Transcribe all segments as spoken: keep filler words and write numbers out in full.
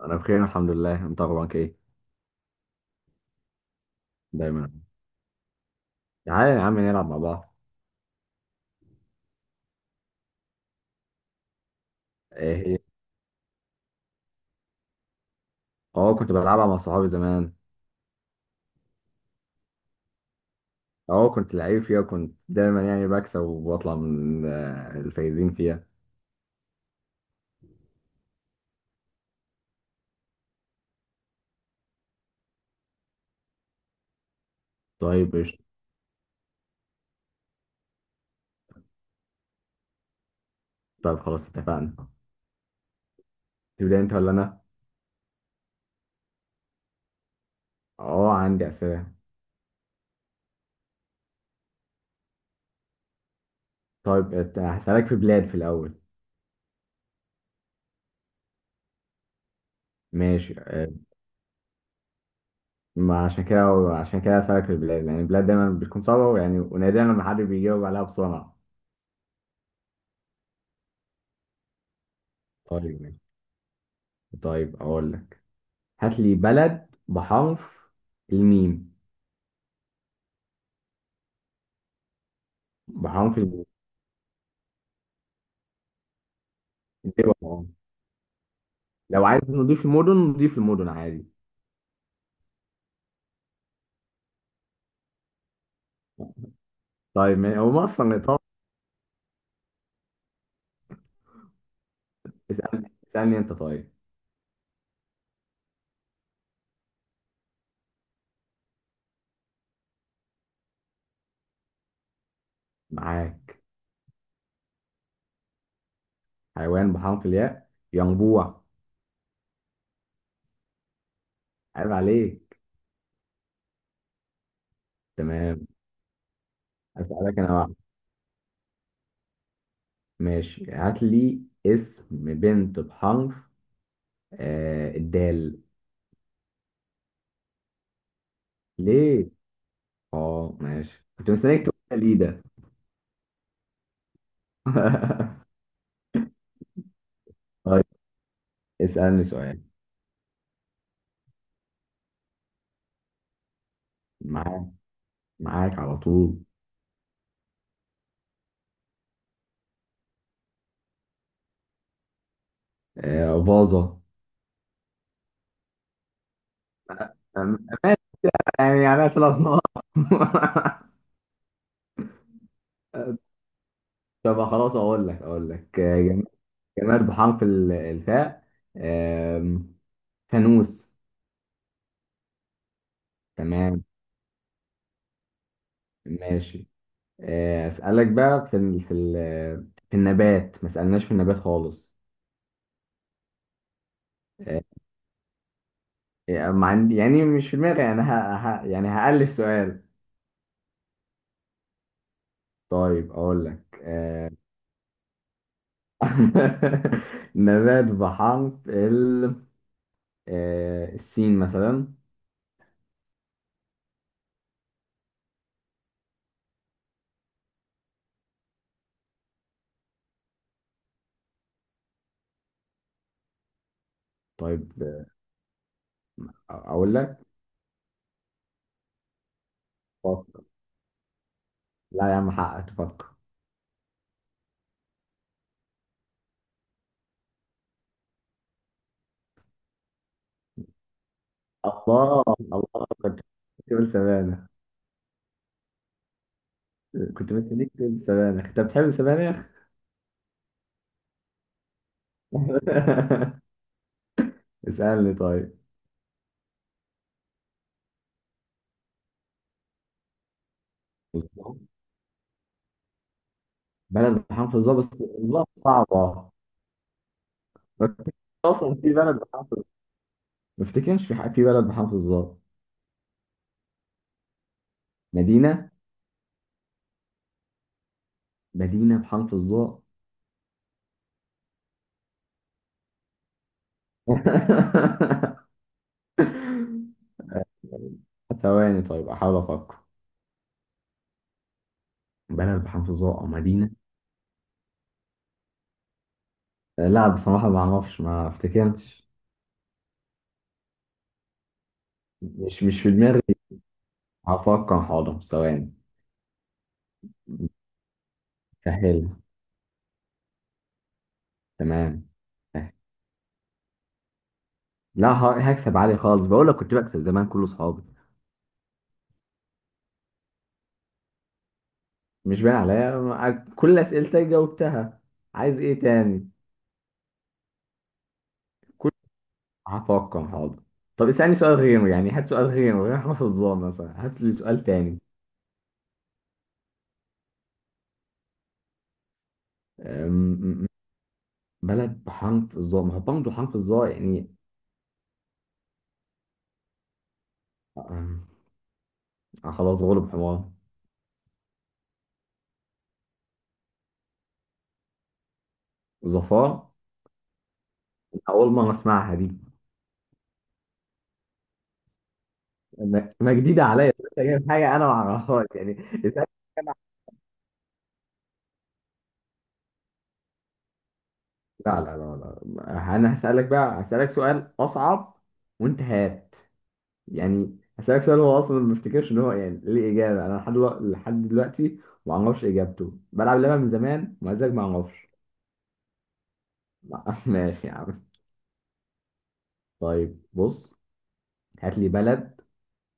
انا بخير، الحمد لله. انت اخبارك ايه؟ دايما. تعالى يا عم نلعب مع بعض. ايه هي؟ اه، كنت بلعبها مع صحابي زمان. اه، كنت لعيب فيها. كنت دايما يعني بكسب وبطلع من آه، الفايزين فيها. طيب ايش؟ طيب، خلاص اتفقنا. تبدا انت ولا انا؟ اه، عندي اسئله. طيب، ات- هسالك في بلاد في الاول. ماشي. آه، ما عشان كده. عشان كده هسالك في البلاد، يعني البلاد دايما بتكون صعبه، يعني ونادرا لما حد بيجاوب عليها بسرعه. طيب ماشي. طيب اقول لك. هات لي بلد بحرف الميم. بحرف الميم. الدول أهو. لو عايز نضيف المدن نضيف المدن عادي. طيب، ما- هو ما اصلا ايطالي. اسالني اسالني انت، طيب. معاك. حيوان بحرف الياء، ينبوع. عيب عليك. تمام. اسالك انا واحد. ماشي، هات لي اسم بنت بحرف آه الدال. ليه؟ اه ماشي، كنت مستنيك تقول لي ده. طيب، اسالني سؤال. معاك. معاك على طول. آه، باظة. أم- يعني عليها ثلاث نقط. طب خلاص، اقول لك اقول لك آه، جم- جماد بحرف ال- الفاء. آم، فانوس. تمام. ماشي. آه، اسالك بقى في ال في ال في النبات. ما سالناش في النبات خالص. آه، يعني ما عندي، يعني مش في دماغي، يعني ه... ه... يعني هألف سؤال. طيب اقول لك. آه، نبات بحرف ال آه، السين مثلا. طيب اقول لك. فكر. لا يا عم، حقك تفكر. الله الله، كنت بتقول سبانخ. كنت مستنيك تقول سبانخ. انت بتحب السبانخ؟ اسألني طيب. بالظبط. بلد بحرف الظا بس. الظا صعبة. ما افتكرش اصلا في بلد بحرف الظا. ما افتكرش في ح- في بلد بحرف الظا. مدينة. مدينة بحرف الظا. ثواني، طيب احاول افكر. بلد بحرف الظا او مدينة. لا بصراحة، ما اعرفش، ما افتكرش. مش مش في دماغي. هفكر، حاضر، ثواني. سهل. تمام. سهل. لا، ه- هكسب عالي خالص. بقول لك كنت بكسب زمان كل اصحابي. مش باين عليا، مع- كل اسئلتك جاوبتها. عايز ايه تاني؟ كل. هفكر حاضر. طب اسألني سؤال غيره، يعني هات سؤال غيره غير حرف الظا مثلا. هات لي سؤال تاني. أم- بلد بحرف الظا، ما هو برضه حرف الظا يعني. أم، آه خلاص، غلب حمار. ظفار؟ أول مرة أسمعها دي. ما ما جديدة عليا، لسه جايب حاجة أنا ما أعرفهاش يعني. اسألني أنا. لا لا لا لا، أنا هسألك بقى، هسألك سؤال أصعب. وأنت هات. يعني هسألك سؤال هو أصلا ما افتكرش إن هو يعني ليه إجابة. أنا لحد دلوق- لحد دلوقتي ما أعرفش إجابته. بلعب اللعبة من زمان ومزاج ما أعرفش. لا، ماشي يا عم. طيب بص. هات لي بلد.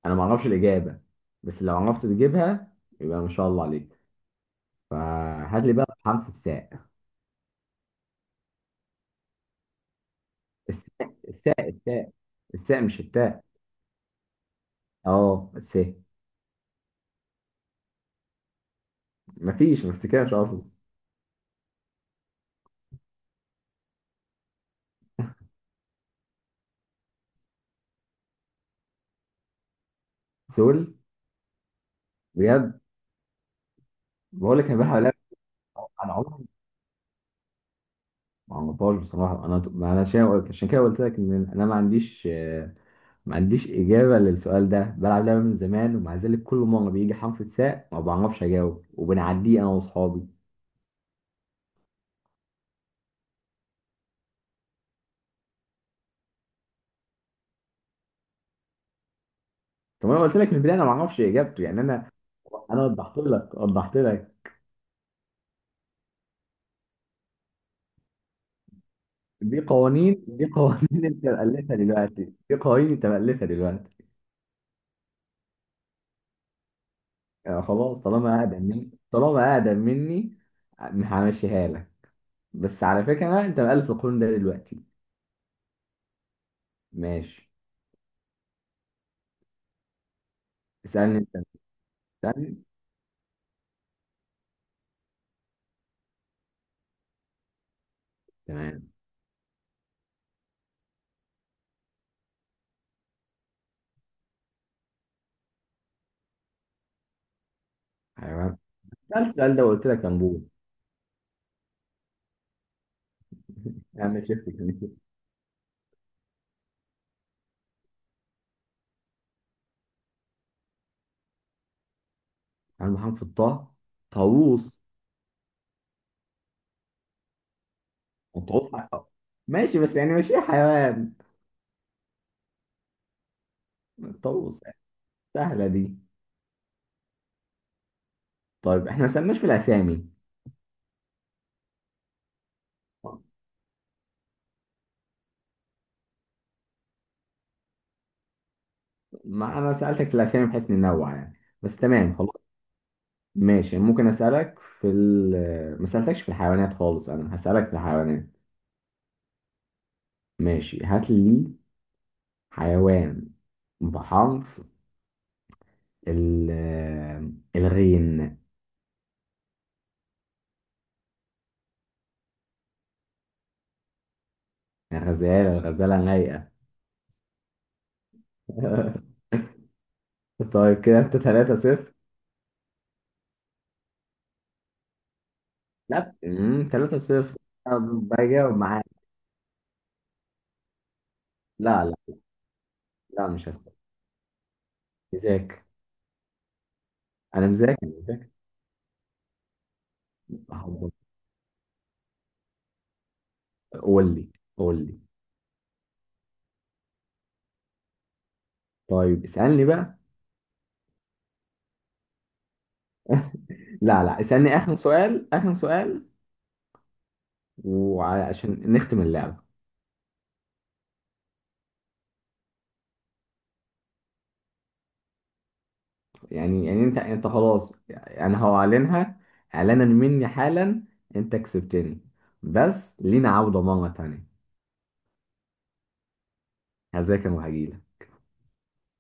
أنا ما أعرفش الإجابة. بس لو عرفت تجيبها يبقى ما شاء الله عليك. فهات لي بقى حرف الساء. الساء، الساء، الساء. الساء مش التاء. اه، بس إيه؟ مفيش، ما افتكرش اصلا. سول؟ بجد؟ بقول لك انا بحاول ألعب. انا عمري ما عرفهاش بصراحه. انا ما انا عشان، عشان كده قلت لك ان انا ما عنديش، آه، ما عنديش اجابه للسؤال ده. بلعب لعبه من زمان، ومع ذلك كل مره بيجي حرف الساء ما بعرفش اجاوب، وبنعديه انا واصحابي. طب انا قلت لك من البدايه انا ما اعرفش اجابته، يعني انا. انا وضحت لك وضحت لك. دي قوانين دي قوانين انت مألفها دلوقتي. دي قوانين انت مألفها دلوقتي. يعني خلاص، طالما اقدم مني طالما اقدم مني. همشيها لك. بس على فكره بقى، انت مقلب في القانون ده دلوقتي. ماشي. اسالني انت. اسالني. تمام. حيوان. سألت السؤال ده وقلت لك انبوه. اعمل شيفت كلمتين. عن محمد في الطاء. طاووس. وطاووس حق- ماشي، بس يعني مش ايه، حيوان؟ طاووس. سهله دي. طيب احنا ما سالناش في الاسامي. ما انا سالتك في الاسامي بحيث ننوع يعني. بس تمام، خلاص. ماشي، ممكن اسالك في ال ما سالتكش في الحيوانات خالص. انا هسالك في الحيوانات. ماشي، هات لي حيوان بحرف ال الغين. الغزالة الغزالة لايقة. طيب كده انت ثلاثة صفر. لا، ثلاثة صفر. طب بجاوب معاك. لا لا لا، مش هسأل. مذاكر. انا مذاكر مذاكر. أهبط. قول لي. قول لي. طيب اسألني بقى. لا لا، اسألني آخر سؤال، آخر سؤال. وعشان نختم اللعبة. يعني يعني انت انت خلاص، يعني هعلنها اعلانا مني حالا. انت كسبتني. بس لينا عودة مرة تانية. هذاك وهجيلك.